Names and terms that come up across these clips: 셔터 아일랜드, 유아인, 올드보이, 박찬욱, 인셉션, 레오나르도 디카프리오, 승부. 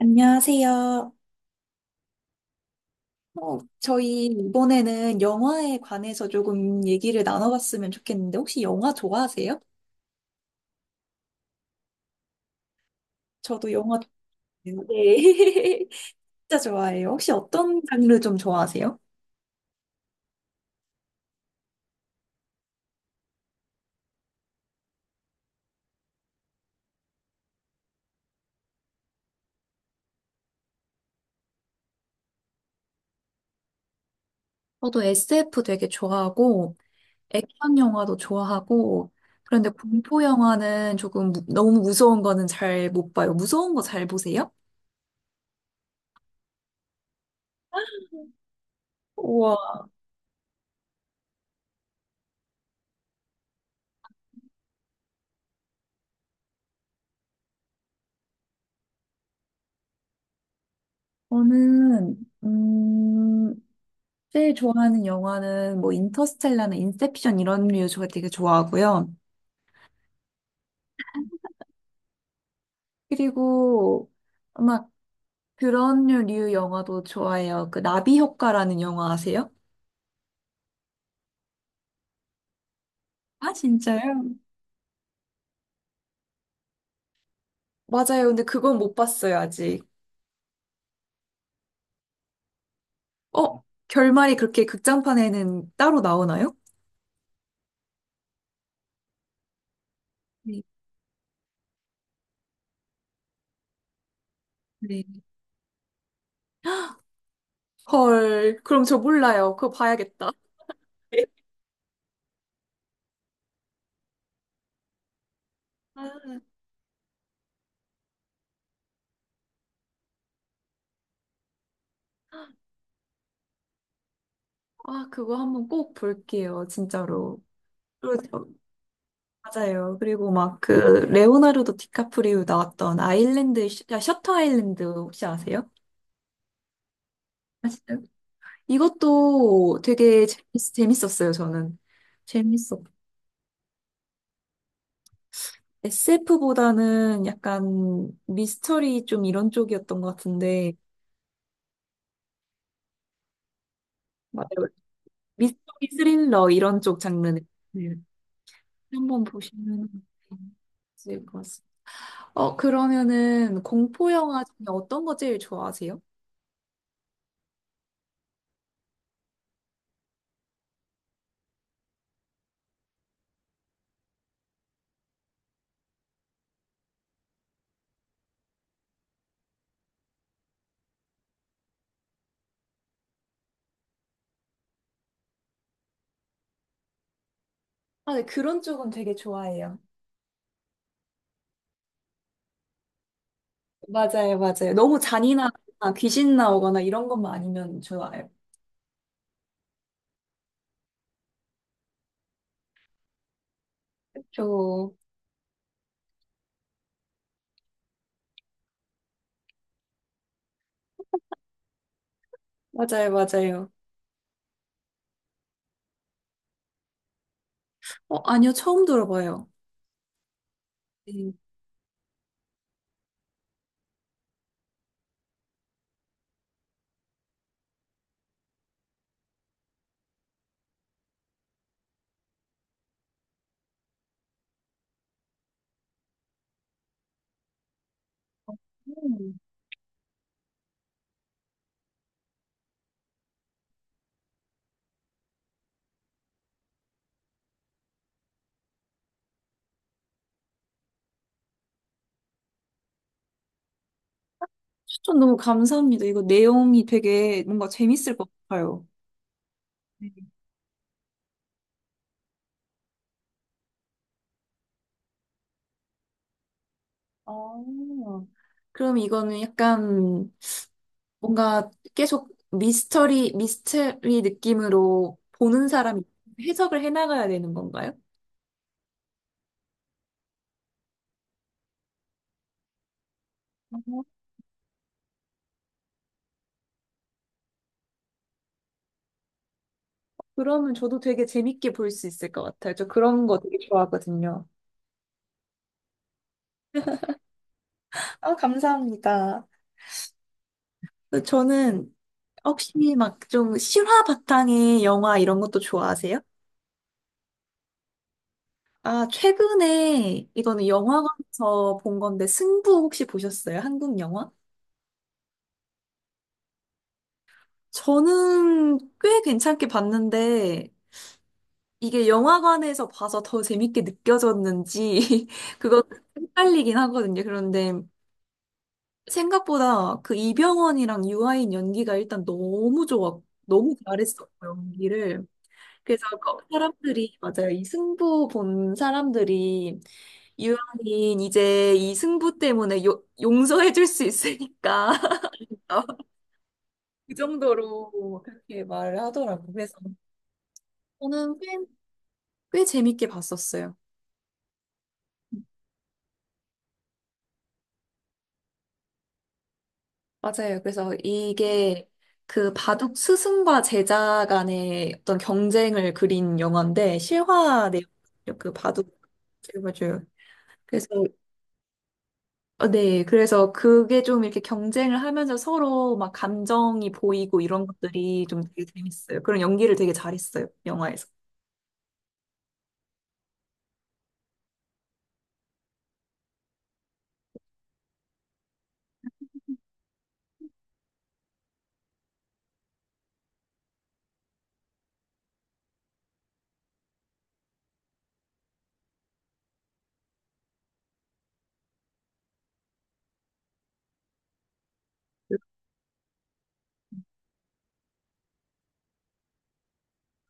안녕하세요. 저희 이번에는 영화에 관해서 조금 얘기를 나눠봤으면 좋겠는데, 혹시 영화 좋아하세요? 저도 영화 좋아해요. 네. 진짜 좋아해요. 혹시 어떤 장르 좀 좋아하세요? 저도 SF 되게 좋아하고, 액션 영화도 좋아하고, 그런데 공포 영화는 조금 너무 무서운 거는 잘 못 봐요. 무서운 거 잘 보세요? 우와. 저는, 음, 제일 좋아하는 영화는 뭐 인터스텔라나 인셉션 이런 류 제가 되게 좋아하고요. 그리고 막 그런 류 영화도 좋아해요. 그 나비 효과라는 영화 아세요? 아, 진짜요? 맞아요. 근데 그건 못 봤어요, 아직. 어? 결말이 그렇게 극장판에는 따로 나오나요? 네. 네. 헐, 그럼 저 몰라요. 그거 봐야겠다. 아, 아, 그거 한번 꼭 볼게요, 진짜로. 그리고 맞아요. 그리고 막 그 레오나르도 디카프리오 나왔던 아, 셔터 아일랜드 혹시 아세요? 아시나요? 이것도 되게 재밌었어요. 저는 재밌었. SF보다는 약간 미스터리 좀 이런 쪽이었던 것 같은데 맞아요. 미스터리 스릴러 이런 쪽 장르는 네. 한번 보시면 있을 것 같습니다. 어 그러면은 공포 영화 중에 어떤 거 제일 좋아하세요? 아, 네, 그런 쪽은 되게 좋아해요. 맞아요, 맞아요. 너무 잔인하거나 귀신 나오거나 이런 것만 아니면 좋아요. 저, 맞아요, 맞아요. 어, 아니요, 처음 들어봐요. 네. 음, 추천 너무 감사합니다. 이거 내용이 되게 뭔가 재밌을 것 같아요. 네. 아, 그럼 이거는 약간 뭔가 계속 미스터리, 미스터리 느낌으로 보는 사람이 해석을 해나가야 되는 건가요? 어, 그러면 저도 되게 재밌게 볼 수 있을 것 같아요. 저 그런 거 되게 좋아하거든요. 아, 감사합니다. 그 저는 혹시 막 좀 실화 바탕의 영화 이런 것도 좋아하세요? 아, 최근에 이거는 영화관에서 본 건데 승부 혹시 보셨어요? 한국 영화? 저는 꽤 괜찮게 봤는데 이게 영화관에서 봐서 더 재밌게 느껴졌는지 그거 헷갈리긴 하거든요. 그런데 생각보다 그 이병헌이랑 유아인 연기가 일단 너무 좋았, 너무 잘했었고 연기를. 그래서 사람들이 맞아요. 이 승부 본 사람들이 유아인 이제 이 승부 때문에 요, 용서해줄 수 있으니까 어, 그 정도로 그렇게 말을 하더라고요. 그래서 저는 꽤, 꽤 재밌게 봤었어요. 맞아요. 그래서 이게 그 바둑 스승과 제자 간의 어떤 경쟁을 그린 영화인데 실화 내용 그 바둑 요 맞아요. 그래서 네, 그래서 그게 좀 이렇게 경쟁을 하면서 서로 막 감정이 보이고 이런 것들이 좀 되게 재밌어요. 그런 연기를 되게 잘했어요, 영화에서.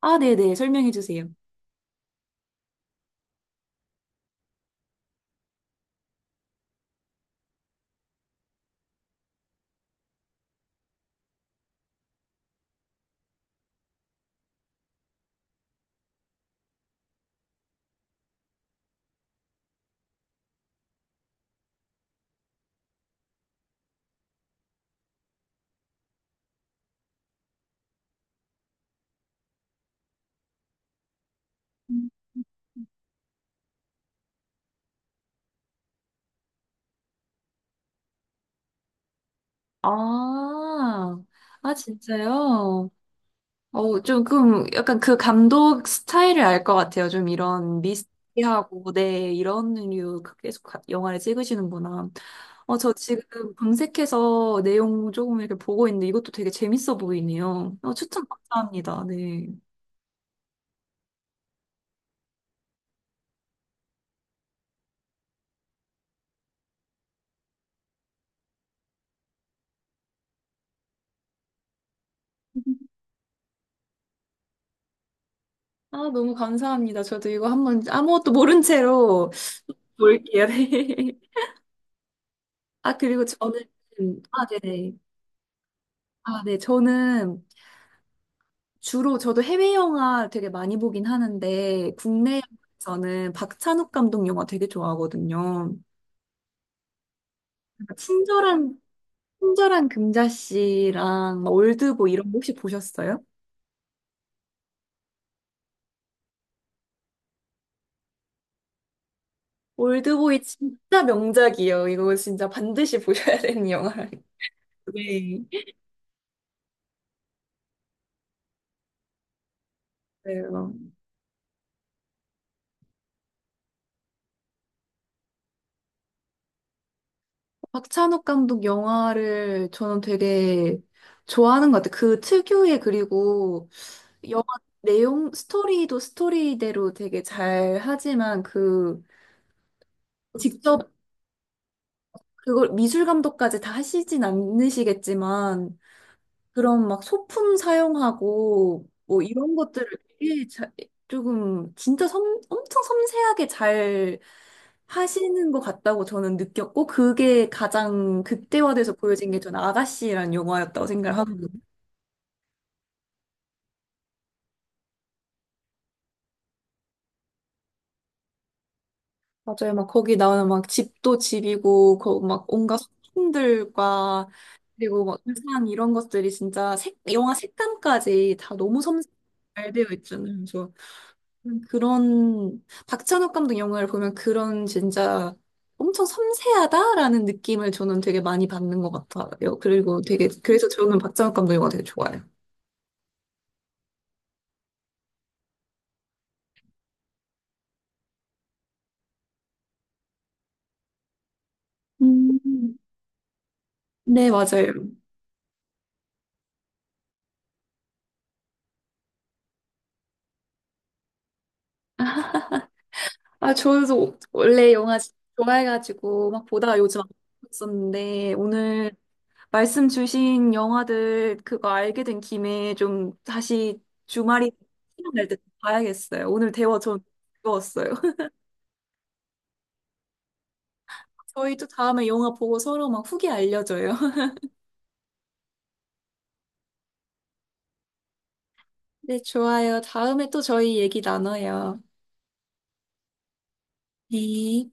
아, 네네, 설명해 주세요. 음. 아, 아, 진짜요? 어, 좀, 그럼 약간 그 감독 스타일을 알 것 같아요. 좀 이런 미스티하고, 네, 이런 류 영화를 찍으시는구나. 어, 저 지금 검색해서 내용 조금 이렇게 보고 있는데 이것도 되게 재밌어 보이네요. 어, 추천 감사합니다. 네. 아, 너무 감사합니다. 저도 이거 한번 아무것도 모른 채로 볼게요. 네. 아, 그리고 저는, 아, 네네. 아, 네. 저는 주로 저도 해외 영화 되게 많이 보긴 하는데, 국내 영화에서는 박찬욱 감독 영화 되게 좋아하거든요. 약간 친절한, 친절한 금자씨랑 막 올드보이 이런 거 혹시 보셨어요? 올드보이 진짜 명작이에요. 이거 진짜 반드시 보셔야 되는 영화예요. 네. 네. 박찬욱 감독 영화를 저는 되게 좋아하는 것 같아요. 그 특유의 그리고 영화 내용, 스토리도 스토리대로 되게 잘 하지만 그 직접 그걸 미술 감독까지 다 하시진 않으시겠지만 그런 막 소품 사용하고 뭐 이런 것들을 되게 조금 진짜 섬, 엄청 섬세하게 잘 하시는 것 같다고 저는 느꼈고 그게 가장 극대화돼서 보여진 게 저는 아가씨란 영화였다고 생각을 하거든요. 맞아요. 막 거기 나오는 막 집도 집이고 막 온갖 소품들과 그리고 막 의상 이런 것들이 영화 색감까지 다 너무 섬세히 잘 되어 있잖아요. 그래서 그런 박찬욱 감독 영화를 보면 그런 진짜 엄청 섬세하다라는 느낌을 저는 되게 많이 받는 것 같아요. 그리고 되게 그래서 저는 박찬욱 감독 영화 되게 좋아해요. 음. 네, 맞아요. 아, 저도 원래 영화 진짜 좋아해가지고 막 보다가 요즘 안 봤었는데 오늘 말씀 주신 영화들 그거 알게 된 김에 좀 다시 주말이 시간 날때 봐야겠어요. 오늘 대화 전 즐거웠어요. 저희도 다음에 영화 보고 서로 막 후기 알려줘요. 네, 좋아요. 다음에 또 저희 얘기 나눠요. 네.